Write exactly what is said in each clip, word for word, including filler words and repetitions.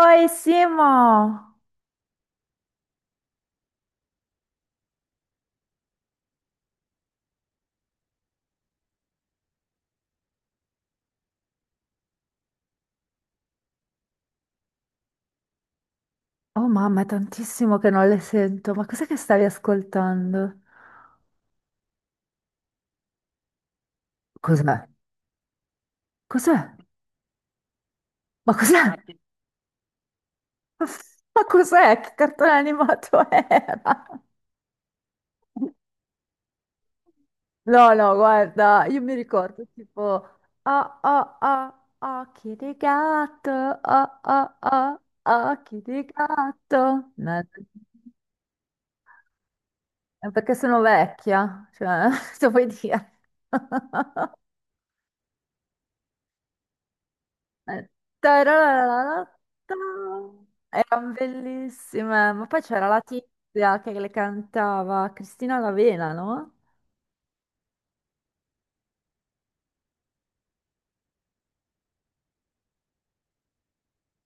Oi Simo! Oh mamma, è tantissimo che non le sento. Ma cos'è che stavi ascoltando? Cos'è? Cos'è? Ma cos'è? Ma cos'è? Che cartone animato era? No, no, guarda, io mi ricordo tipo oh, oh, oh, occhi di gatto, oh, oh, oh, occhi di gatto. No, no, no, perché sono vecchia, cioè, se vuoi dire. Eh, tararararata. Erano bellissime, ma poi c'era la tizia che le cantava Cristina Lavena, no?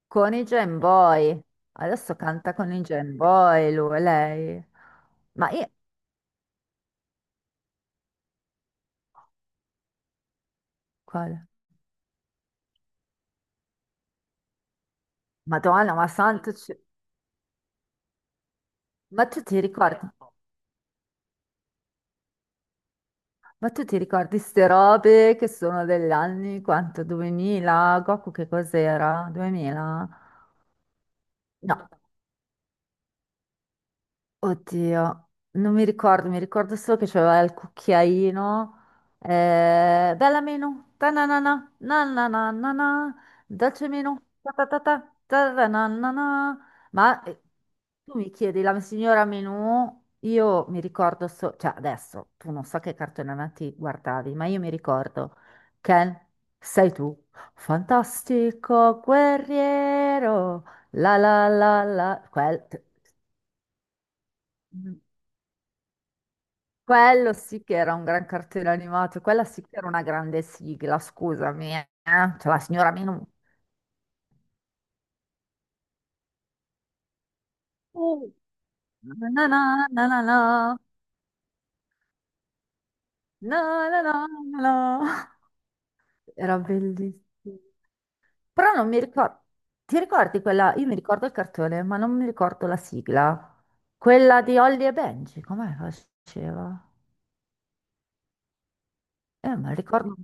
Con i Jam Boy. Adesso canta con i Jam Boy lui, lei. Ma io, quale? Madonna, ma santo, ci- ma tu ti ricordi? Ma tu ti ricordi ste robe che sono degli anni, quanto? duemila? Goku che cos'era? duemila? No. Oddio, non mi ricordo, mi ricordo solo che c'aveva il cucchiaino. Eh, bella meno, ta na na na, na na na na na, dolce meno, ta ta ta ta, ta ta na na na. Ma eh, tu mi chiedi la signora Menù, io mi ricordo solo, cioè adesso tu non so che cartone animati guardavi, ma io mi ricordo Ken, sei tu, fantastico guerriero, la la la la, quel... Quello sì che era un gran cartone animato, quella sì che era una grande sigla, scusami, eh. Cioè la signora Minu. Uh. Na na na na na, na na na na na. Era bellissimo. Però non mi ricordo, ti ricordi quella? Io mi ricordo il cartone, ma non mi ricordo la sigla. Quella di Holly e Benji, com'è che faceva? Eh, ma ricordo.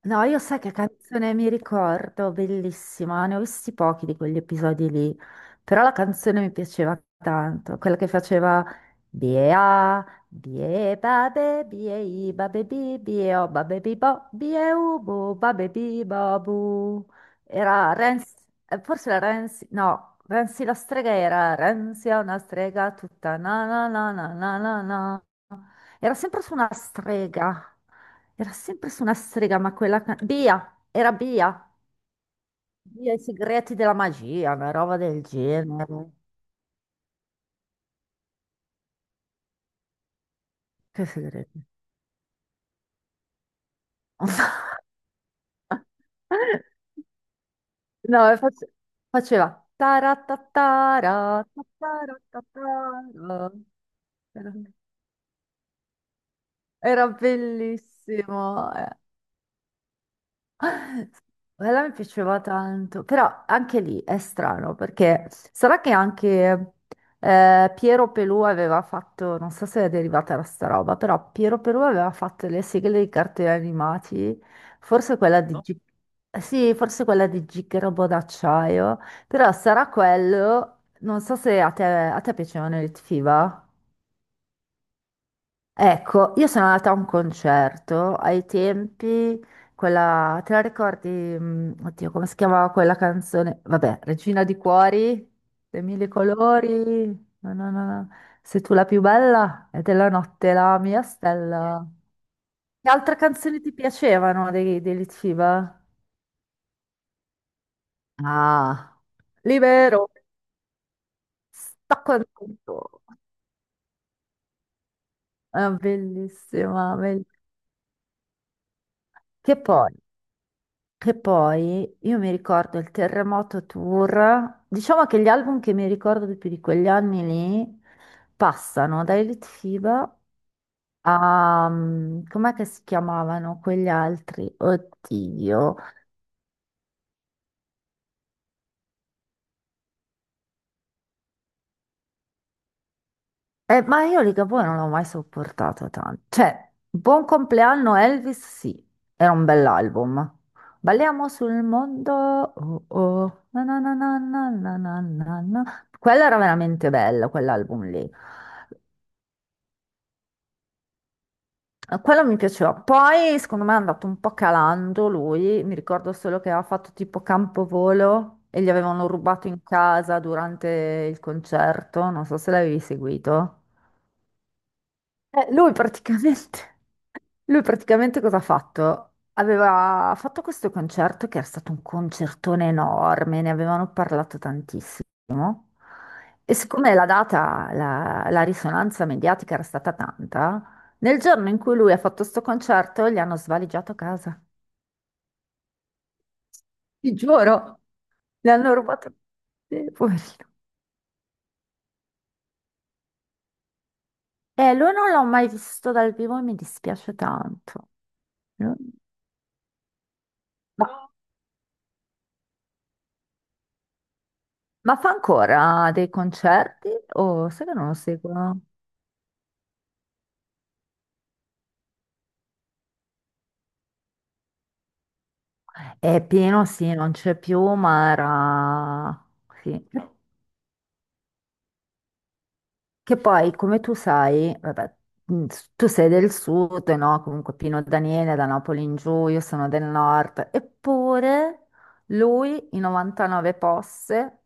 No, io sai che canzone mi ricordo, bellissima, ne ho visti pochi di quegli episodi lì, però la canzone mi piaceva tanto, quella che faceva Bia, bie babe, bie i babe bi, bie o babe bi bo, bie u bu, babe bi babu. Era Renzi, eh, forse era Renzi, no, Renzi la strega era Renzi è una strega tutta na na na na na na na. Era sempre su una strega. Era sempre su una strega, ma quella... ca- Bea, era Bea. Bea, i segreti della magia, una roba del genere. Che segreti? No, e face- faceva... taratatara, tataratatara. Era era bellissimo. Eh. Quella mi piaceva tanto, però anche lì è strano perché sarà che anche eh, Piero Pelù aveva fatto, non so se è derivata da sta roba, però Piero Pelù aveva fatto le sigle dei cartoni animati, forse quella di No? G- sì, forse quella di Gigabo d'acciaio, però sarà quello, non so se a te, a te piacevano i Lit Fiba. Ecco, io sono andata a un concerto ai tempi, quella, te la ricordi? mm, Oddio, come si chiamava quella canzone? Vabbè, Regina di Cuori, dei mille colori, no, no, no, no. Sei tu la più bella e della notte la mia stella. Che altre canzoni ti piacevano dei, dei Litfiba? Ah, libero, sto contento. È bellissima, bell- Che poi? Che poi io mi ricordo il Terremoto Tour, diciamo che gli album che mi ricordo di più di quegli anni lì passano da Elite FIBA a... mm, com'è che si chiamavano quegli altri? Oddio. Eh, ma io Ligabue non l'ho mai sopportato tanto. Cioè, Buon compleanno Elvis, sì, era un bell'album. Balliamo sul mondo, oh oh, na na na na na na na na. Quello era veramente bello, quell'album lì. Eh, Quello mi piaceva. Poi, secondo me, è andato un po' calando lui. Mi ricordo solo che aveva fatto tipo Campovolo e gli avevano rubato in casa durante il concerto. Non so se l'avevi seguito. Eh, lui praticamente, lui praticamente cosa ha fatto? Aveva fatto questo concerto che era stato un concertone enorme, ne avevano parlato tantissimo. E siccome la data, la, la risonanza mediatica era stata tanta, nel giorno in cui lui ha fatto questo concerto gli hanno svaligiato casa. Ti giuro, gli hanno rubato. Sì, poverino. E lui non l'ho mai visto dal vivo e mi dispiace tanto. No. Ma- Ma fa ancora dei concerti? O sai che non lo seguo? È pieno, sì, non c'è più, ma era... Sì. Che poi, come tu sai, vabbè, mh, tu sei del sud, no? Comunque Pino Daniele è da Napoli in giù, io sono del nord, eppure lui i novantanove posse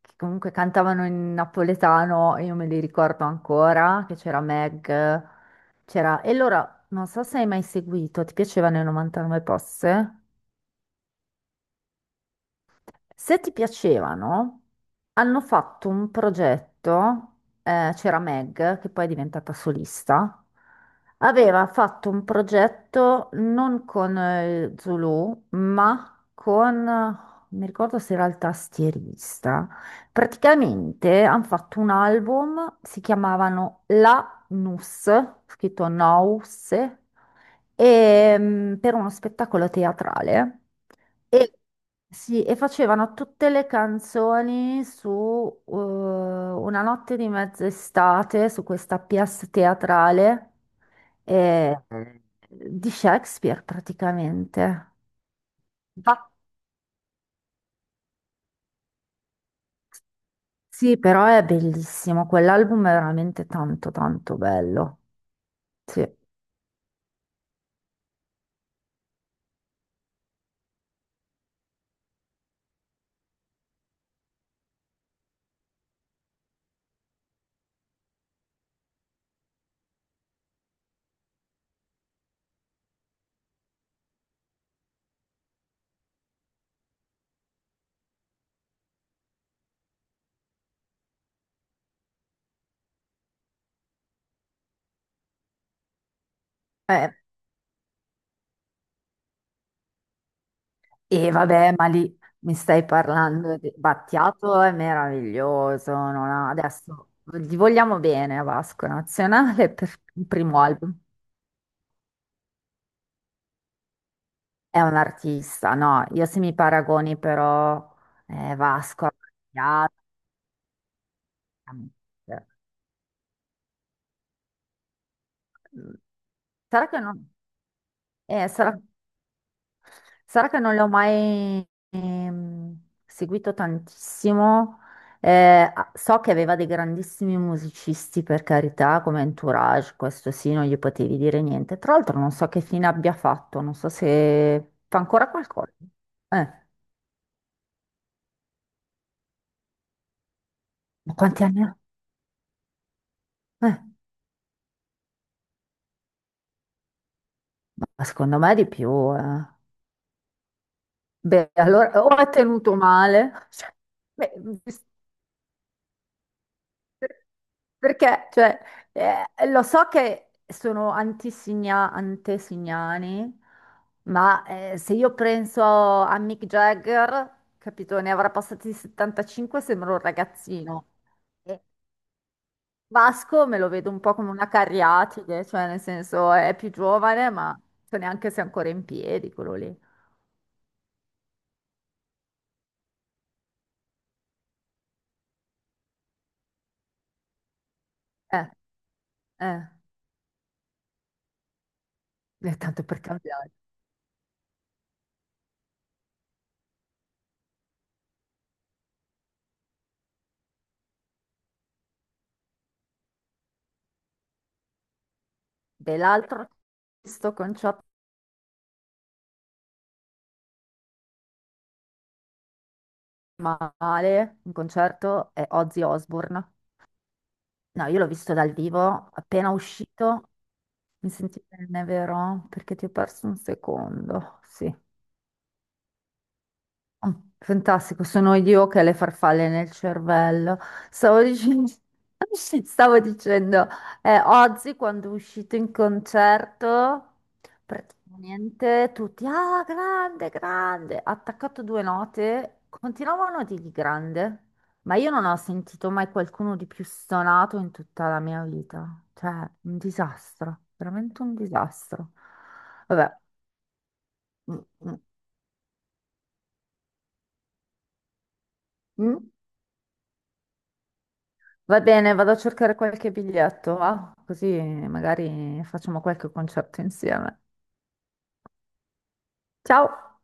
che comunque cantavano in napoletano, e io me li ricordo ancora, che c'era Meg, c'era... E allora, non so se hai mai seguito, ti piacevano i novantanove Posse? Se ti piacevano, hanno fatto un progetto, eh, c'era Meg, che poi è diventata solista, aveva fatto un progetto non con eh, Zulu, ma con, eh, mi ricordo se era il tastierista, praticamente hanno fatto un album, si chiamavano La Nus, scritto Nous, e, mm, per uno spettacolo teatrale. E, sì, e facevano tutte le canzoni su eh, Una notte di mezz'estate, su questa pièce teatrale eh, di Shakespeare praticamente. Ma- Sì, però è bellissimo, quell'album è veramente tanto tanto bello. Sì. Eh, E vabbè, ma lì mi stai parlando di Battiato, è meraviglioso. Non ha- Adesso gli vogliamo bene a Vasco Nazionale per il primo album. È un artista, no? Io se mi paragoni però eh, Vasco a Battiato. eh, Sarà che non... eh, sarà... Sarà che non l'ho mai ehm, seguito tantissimo. Eh, a- so che aveva dei grandissimi musicisti, per carità, come Entourage, questo sì, non gli potevi dire niente. Tra l'altro non so che fine abbia fatto, non so se fa ancora qualcosa. Eh, ma quanti anni ha? Eh, ma secondo me di più. eh. Beh, allora o ha tenuto male. Cioè, beh, Perché, cioè, eh, lo so che sono antisigna- antesignani, ma eh, se io penso a Mick Jagger, capito, ne avrà passati settantacinque, sembra un ragazzino. E Vasco me lo vedo un po' come una cariatide, cioè nel senso è più giovane, ma so neanche se è ancora in piedi quello lì. Eh, eh, eh, tanto per cambiare. Dell'altro, sto con Chop male, in concerto, è Ozzy Osbourne. No, io l'ho visto dal vivo, appena uscito. Mi senti bene, vero? Perché ti ho perso un secondo. Sì. Oh, Fantastico, sono io che ho le farfalle nel cervello. Stavo dicendo, stavo dicendo, eh, oggi quando è uscito in concerto, praticamente tutti, ah, grande, grande, ha attaccato due note, continuavano a dirgli grande, ma io non ho sentito mai qualcuno di più stonato in tutta la mia vita. Cioè, un disastro, veramente un disastro. Vabbè. Mm, mm, mm. Va bene, vado a cercare qualche biglietto, va? Così magari facciamo qualche concerto insieme. Ciao!